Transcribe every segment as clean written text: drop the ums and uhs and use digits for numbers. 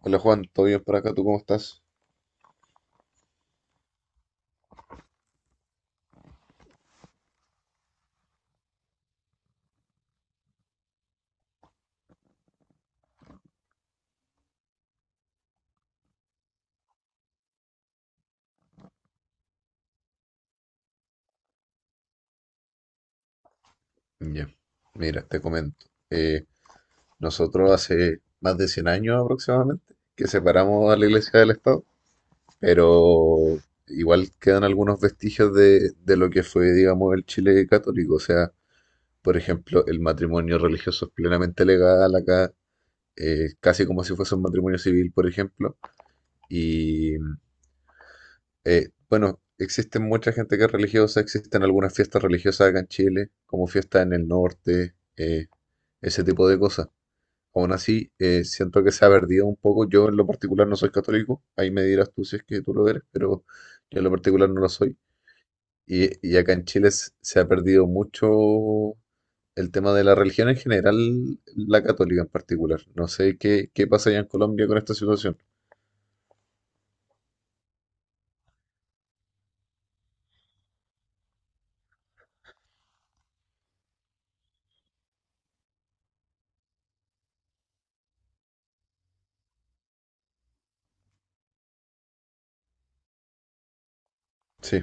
Hola Juan, ¿todo bien por acá? ¿Tú cómo estás? Ya, mira, te comento. Nosotros hace más de 100 años aproximadamente que separamos a la Iglesia del Estado, pero igual quedan algunos vestigios de lo que fue, digamos, el Chile católico. O sea, por ejemplo, el matrimonio religioso es plenamente legal acá, casi como si fuese un matrimonio civil, por ejemplo. y bueno, existe mucha gente que es religiosa, existen algunas fiestas religiosas acá en Chile, como fiestas en el norte, ese tipo de cosas. Aún así, siento que se ha perdido un poco. Yo en lo particular no soy católico, ahí me dirás tú si es que tú lo eres, pero yo en lo particular no lo soy. Y acá en Chile se ha perdido mucho el tema de la religión en general, la católica en particular. No sé qué pasa allá en Colombia con esta situación. Sí,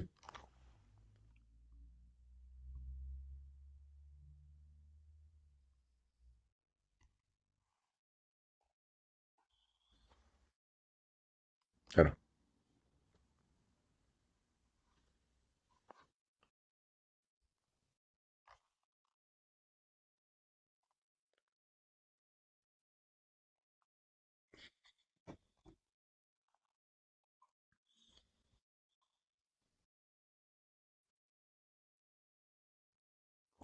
claro.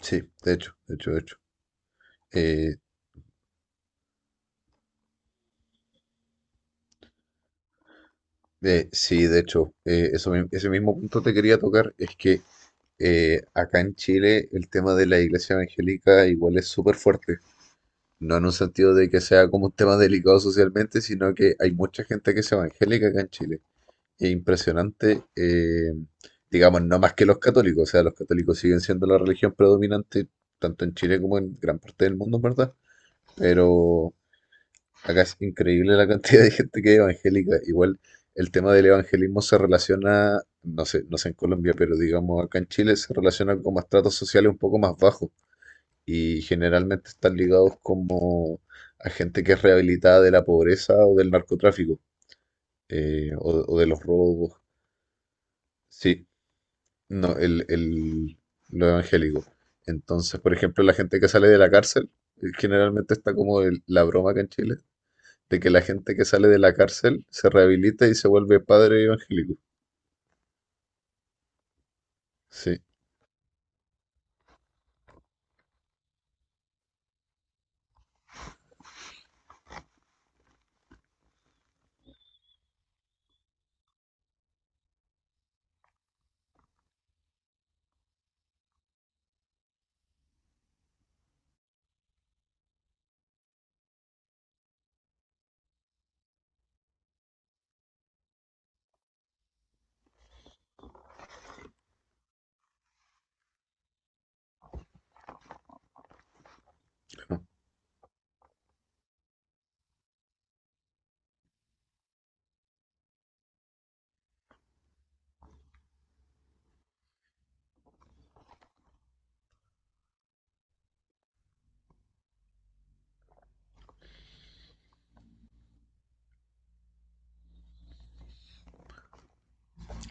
Sí, de hecho. Eh, sí, de hecho, eso, ese mismo punto te quería tocar, es que acá en Chile el tema de la iglesia evangélica igual es súper fuerte, no en un sentido de que sea como un tema delicado socialmente, sino que hay mucha gente que es evangélica acá en Chile. Es impresionante, digamos, no más que los católicos, o sea, los católicos siguen siendo la religión predominante tanto en Chile como en gran parte del mundo, ¿verdad? Pero acá es increíble la cantidad de gente que es evangélica. Igual el tema del evangelismo se relaciona, no sé, no sé en Colombia, pero digamos acá en Chile se relaciona con estratos sociales un poco más bajos y generalmente están ligados como a gente que es rehabilitada de la pobreza o del narcotráfico, o de los robos. Sí, no, lo evangélico. Entonces, por ejemplo, la gente que sale de la cárcel, generalmente está como la broma acá en Chile de que la gente que sale de la cárcel se rehabilita y se vuelve padre evangélico. Sí, no.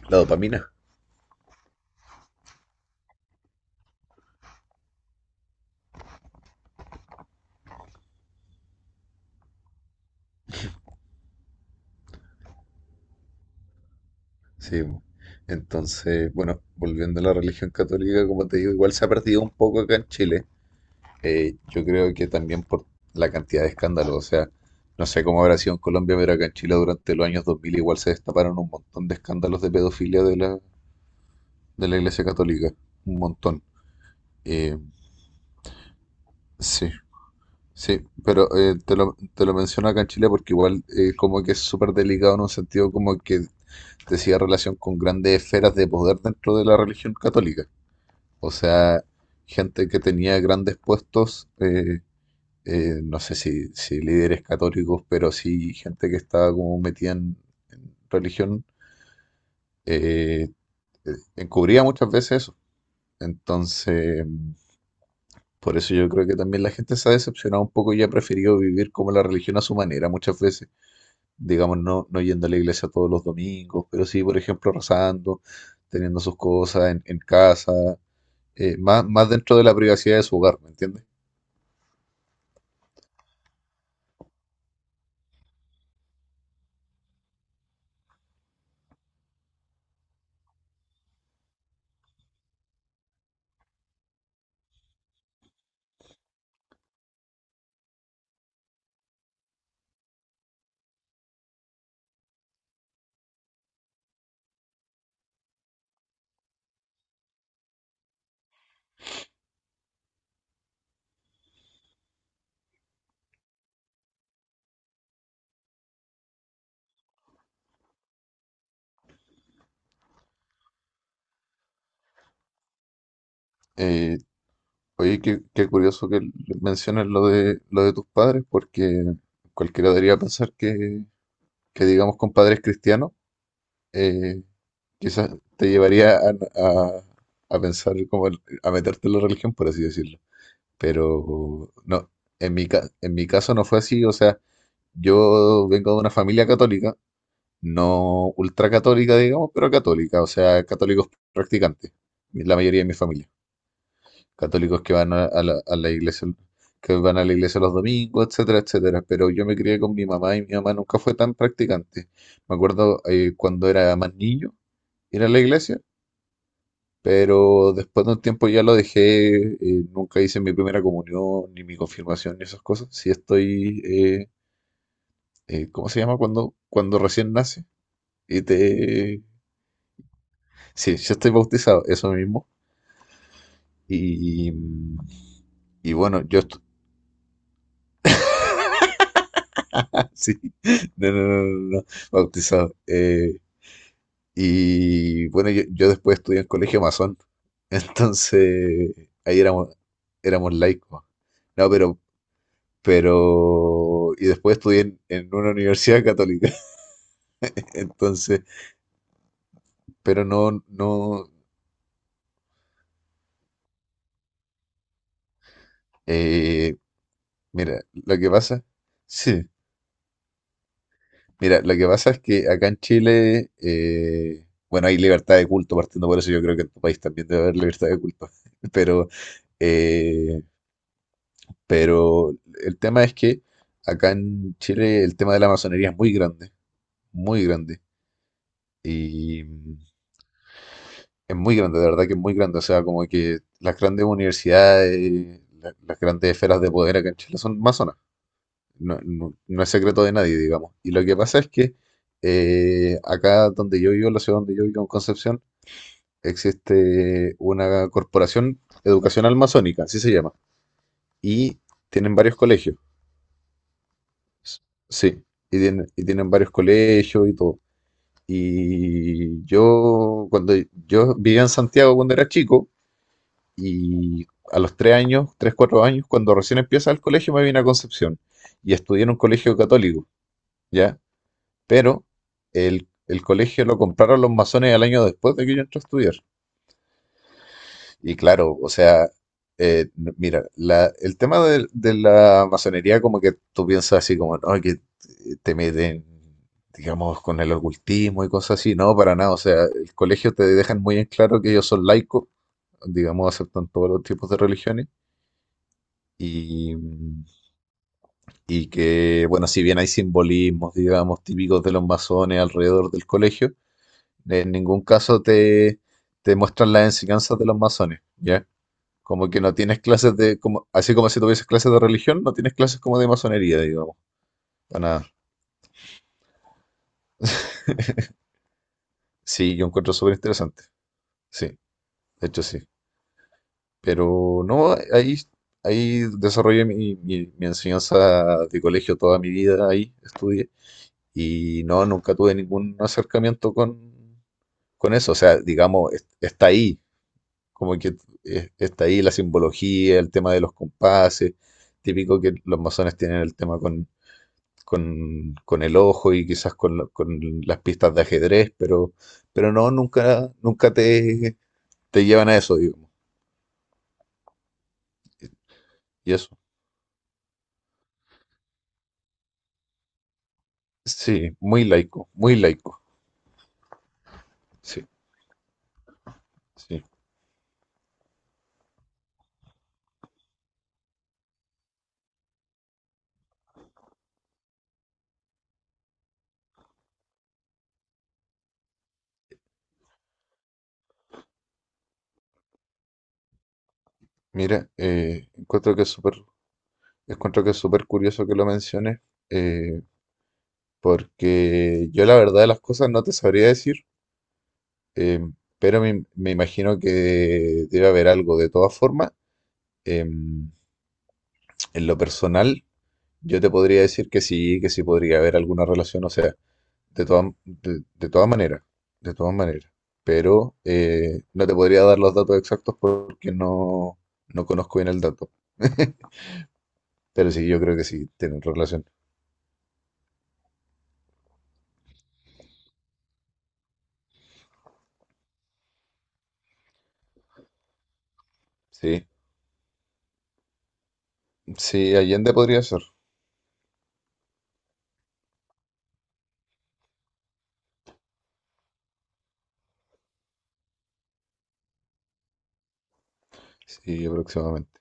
La dopamina. Sí, po. Entonces, bueno, volviendo a la religión católica, como te digo, igual se ha perdido un poco acá en Chile. Yo creo que también por la cantidad de escándalos. O sea, no sé cómo habrá sido en Colombia, pero acá en Chile durante los años 2000 igual se destaparon un montón de escándalos de pedofilia de la Iglesia Católica. Un montón. Eh, sí. Sí, pero te lo menciono acá en Chile porque igual como que es súper delicado en un sentido como que decía relación con grandes esferas de poder dentro de la religión católica. O sea, gente que tenía grandes puestos, no sé si líderes católicos, pero sí gente que estaba como metida en religión, eh, eh, encubría muchas veces eso. Entonces, por eso yo creo que también la gente se ha decepcionado un poco y ha preferido vivir como la religión a su manera muchas veces, digamos, no, no yendo a la iglesia todos los domingos, pero sí, por ejemplo, rezando, teniendo sus cosas en casa, más dentro de la privacidad de su hogar, ¿me entiendes? Eh, oye, qué curioso que menciones lo de tus padres, porque cualquiera debería pensar que, digamos, con padres cristianos, eh, quizás te llevaría a pensar como a meterte en la religión, por así decirlo. Pero no, en en mi caso no fue así, o sea, yo vengo de una familia católica, no ultracatólica, digamos, pero católica, o sea, católicos practicantes, la mayoría de mi familia, católicos que van a la iglesia, que van a la iglesia los domingos, etcétera, etcétera, pero yo me crié con mi mamá y mi mamá nunca fue tan practicante. Me acuerdo cuando era más niño, ir a la iglesia, pero después de un tiempo ya lo dejé, nunca hice mi primera comunión, ni mi confirmación, ni esas cosas. Sí estoy, ¿cómo se llama? Cuando, recién nace. Y te... Sí, yo estoy bautizado, eso mismo. Y, y bueno, yo estoy... Sí, no, no, no, no, no, bautizado. Y bueno, yo después estudié en colegio masón. Entonces, ahí éramos, éramos laicos. No, pero y después estudié en una universidad católica. Entonces, pero no, no, eh, mira, lo que pasa, sí, mira, lo que pasa es que acá en Chile, bueno, hay libertad de culto, partiendo por eso yo creo que en tu país también debe haber libertad de culto, pero, eh, pero el tema es que acá en Chile el tema de la masonería es muy grande, muy grande. Y es muy grande, de verdad que es muy grande. O sea, como que las grandes universidades, las grandes esferas de poder acá en Chile son masonas. No es secreto de nadie, digamos. Y lo que pasa es que acá donde yo vivo, la ciudad donde yo vivo, en Concepción, existe una corporación educacional masónica, así se llama. Y tienen varios colegios. S- Sí, y tienen varios colegios y todo. Y yo, cuando yo vivía en Santiago cuando era chico, y a los 3 años, 3, 4 años, cuando recién empieza el colegio, me vine a Concepción y estudié en un colegio católico, ¿ya? Pero el colegio lo compraron los masones al año después de que yo entré a estudiar. Y claro, o sea, mira, el tema de la masonería, como que tú piensas así, como, no, que te meten, digamos, con el ocultismo y cosas así. No, para nada. O sea, el colegio te dejan muy en claro que ellos son laicos, digamos, aceptan todos los tipos de religiones. Y, y que, bueno, si bien hay simbolismos, digamos, típicos de los masones alrededor del colegio, en ningún caso te muestran las enseñanzas de los masones, ¿ya? Como que no tienes clases de, como, así como si tuvieses clases de religión, no tienes clases como de masonería, digamos. Para nada. Sí, yo encuentro súper interesante. Sí, de hecho sí. Pero no, ahí desarrollé mi enseñanza de colegio toda mi vida, ahí estudié. Y no, nunca tuve ningún acercamiento con eso. O sea, digamos, está ahí, como que está ahí la simbología, el tema de los compases. Típico que los masones tienen el tema con, con el ojo y quizás con las pistas de ajedrez, pero no, nunca te llevan a eso, digamos. Y eso, sí, muy laico, muy laico. Sí, sí. Mira, encuentro que es súper curioso que lo menciones. Eh, Porque yo la verdad de las cosas no te sabría decir, em, pero me imagino que debe haber algo. De todas formas, em, en lo personal, yo te podría decir que sí podría haber alguna relación, o sea, de todas de, de todas maneras, de todas maneras. Pero no te podría dar los datos exactos porque no conozco bien el dato. Pero sí, yo creo que sí, tienen relación. Sí, sí, Allende podría ser. Sí, aproximadamente.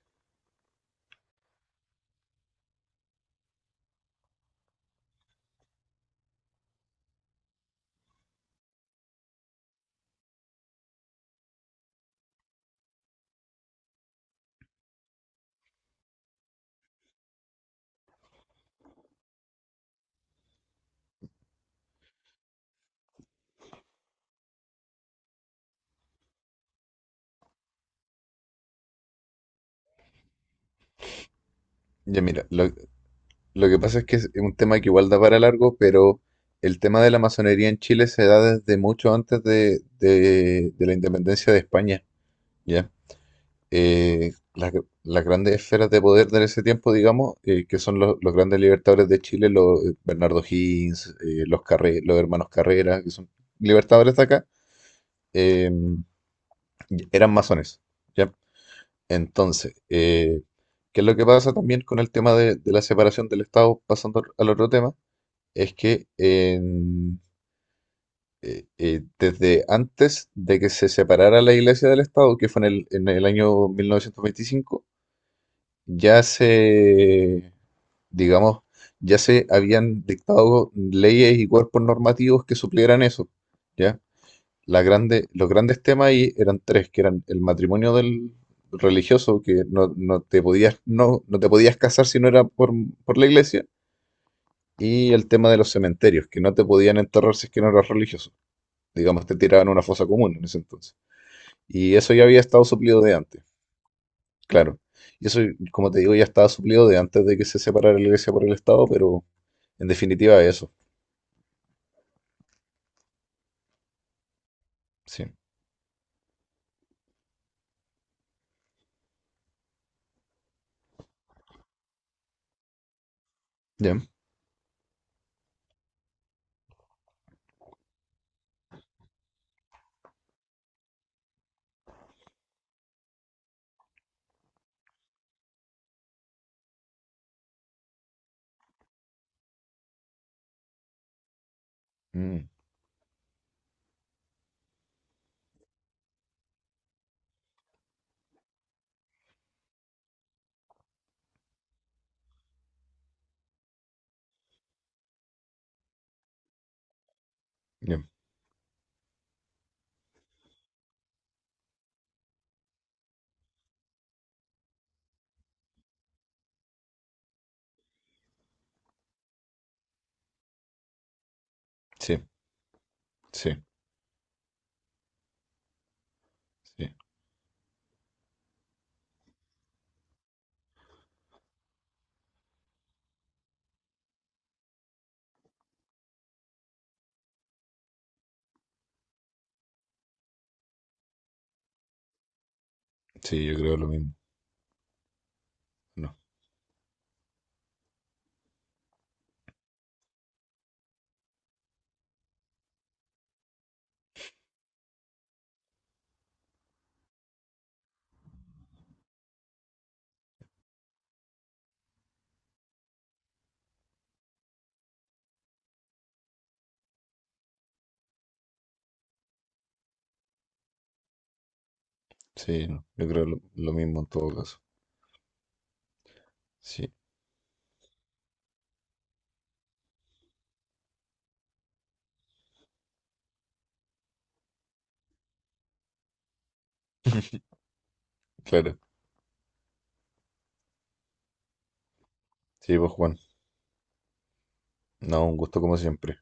Ya, mira, lo que pasa es que es un tema que igual da para largo, pero el tema de la masonería en Chile se da desde mucho antes de la independencia de España, ¿ya? Eh, las, las grandes esferas de poder de ese tiempo, digamos, que son los grandes libertadores de Chile, los Bernardo Higgins, los hermanos Carrera, que son libertadores de acá, eh, eran masones, ¿ya? Entonces, ¿qué es lo que pasa también con el tema de la separación del Estado, pasando al otro tema? Es que desde antes de que se separara la Iglesia del Estado, que fue en el, año 1925, ya se, digamos, ya se habían dictado leyes y cuerpos normativos que suplieran eso, ¿ya? La grande, los grandes temas ahí eran tres, que eran el matrimonio del religioso, que no te podías casar si no era por la Iglesia, y el tema de los cementerios, que no te podían enterrar si es que no eras religioso, digamos, te tiraban a una fosa común en ese entonces. Y eso ya había estado suplido de antes, claro. Y eso, como te digo, ya estaba suplido de antes de que se separara la iglesia por el Estado, pero en definitiva eso, sí. Ya, mm, ya, sí, sí, sí, sí, yo creo lo mismo. No, sí, no, yo creo lo mismo en todo caso. Sí, claro. Sí, pues Juan, no, un gusto como siempre.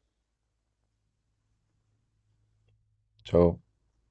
Chao.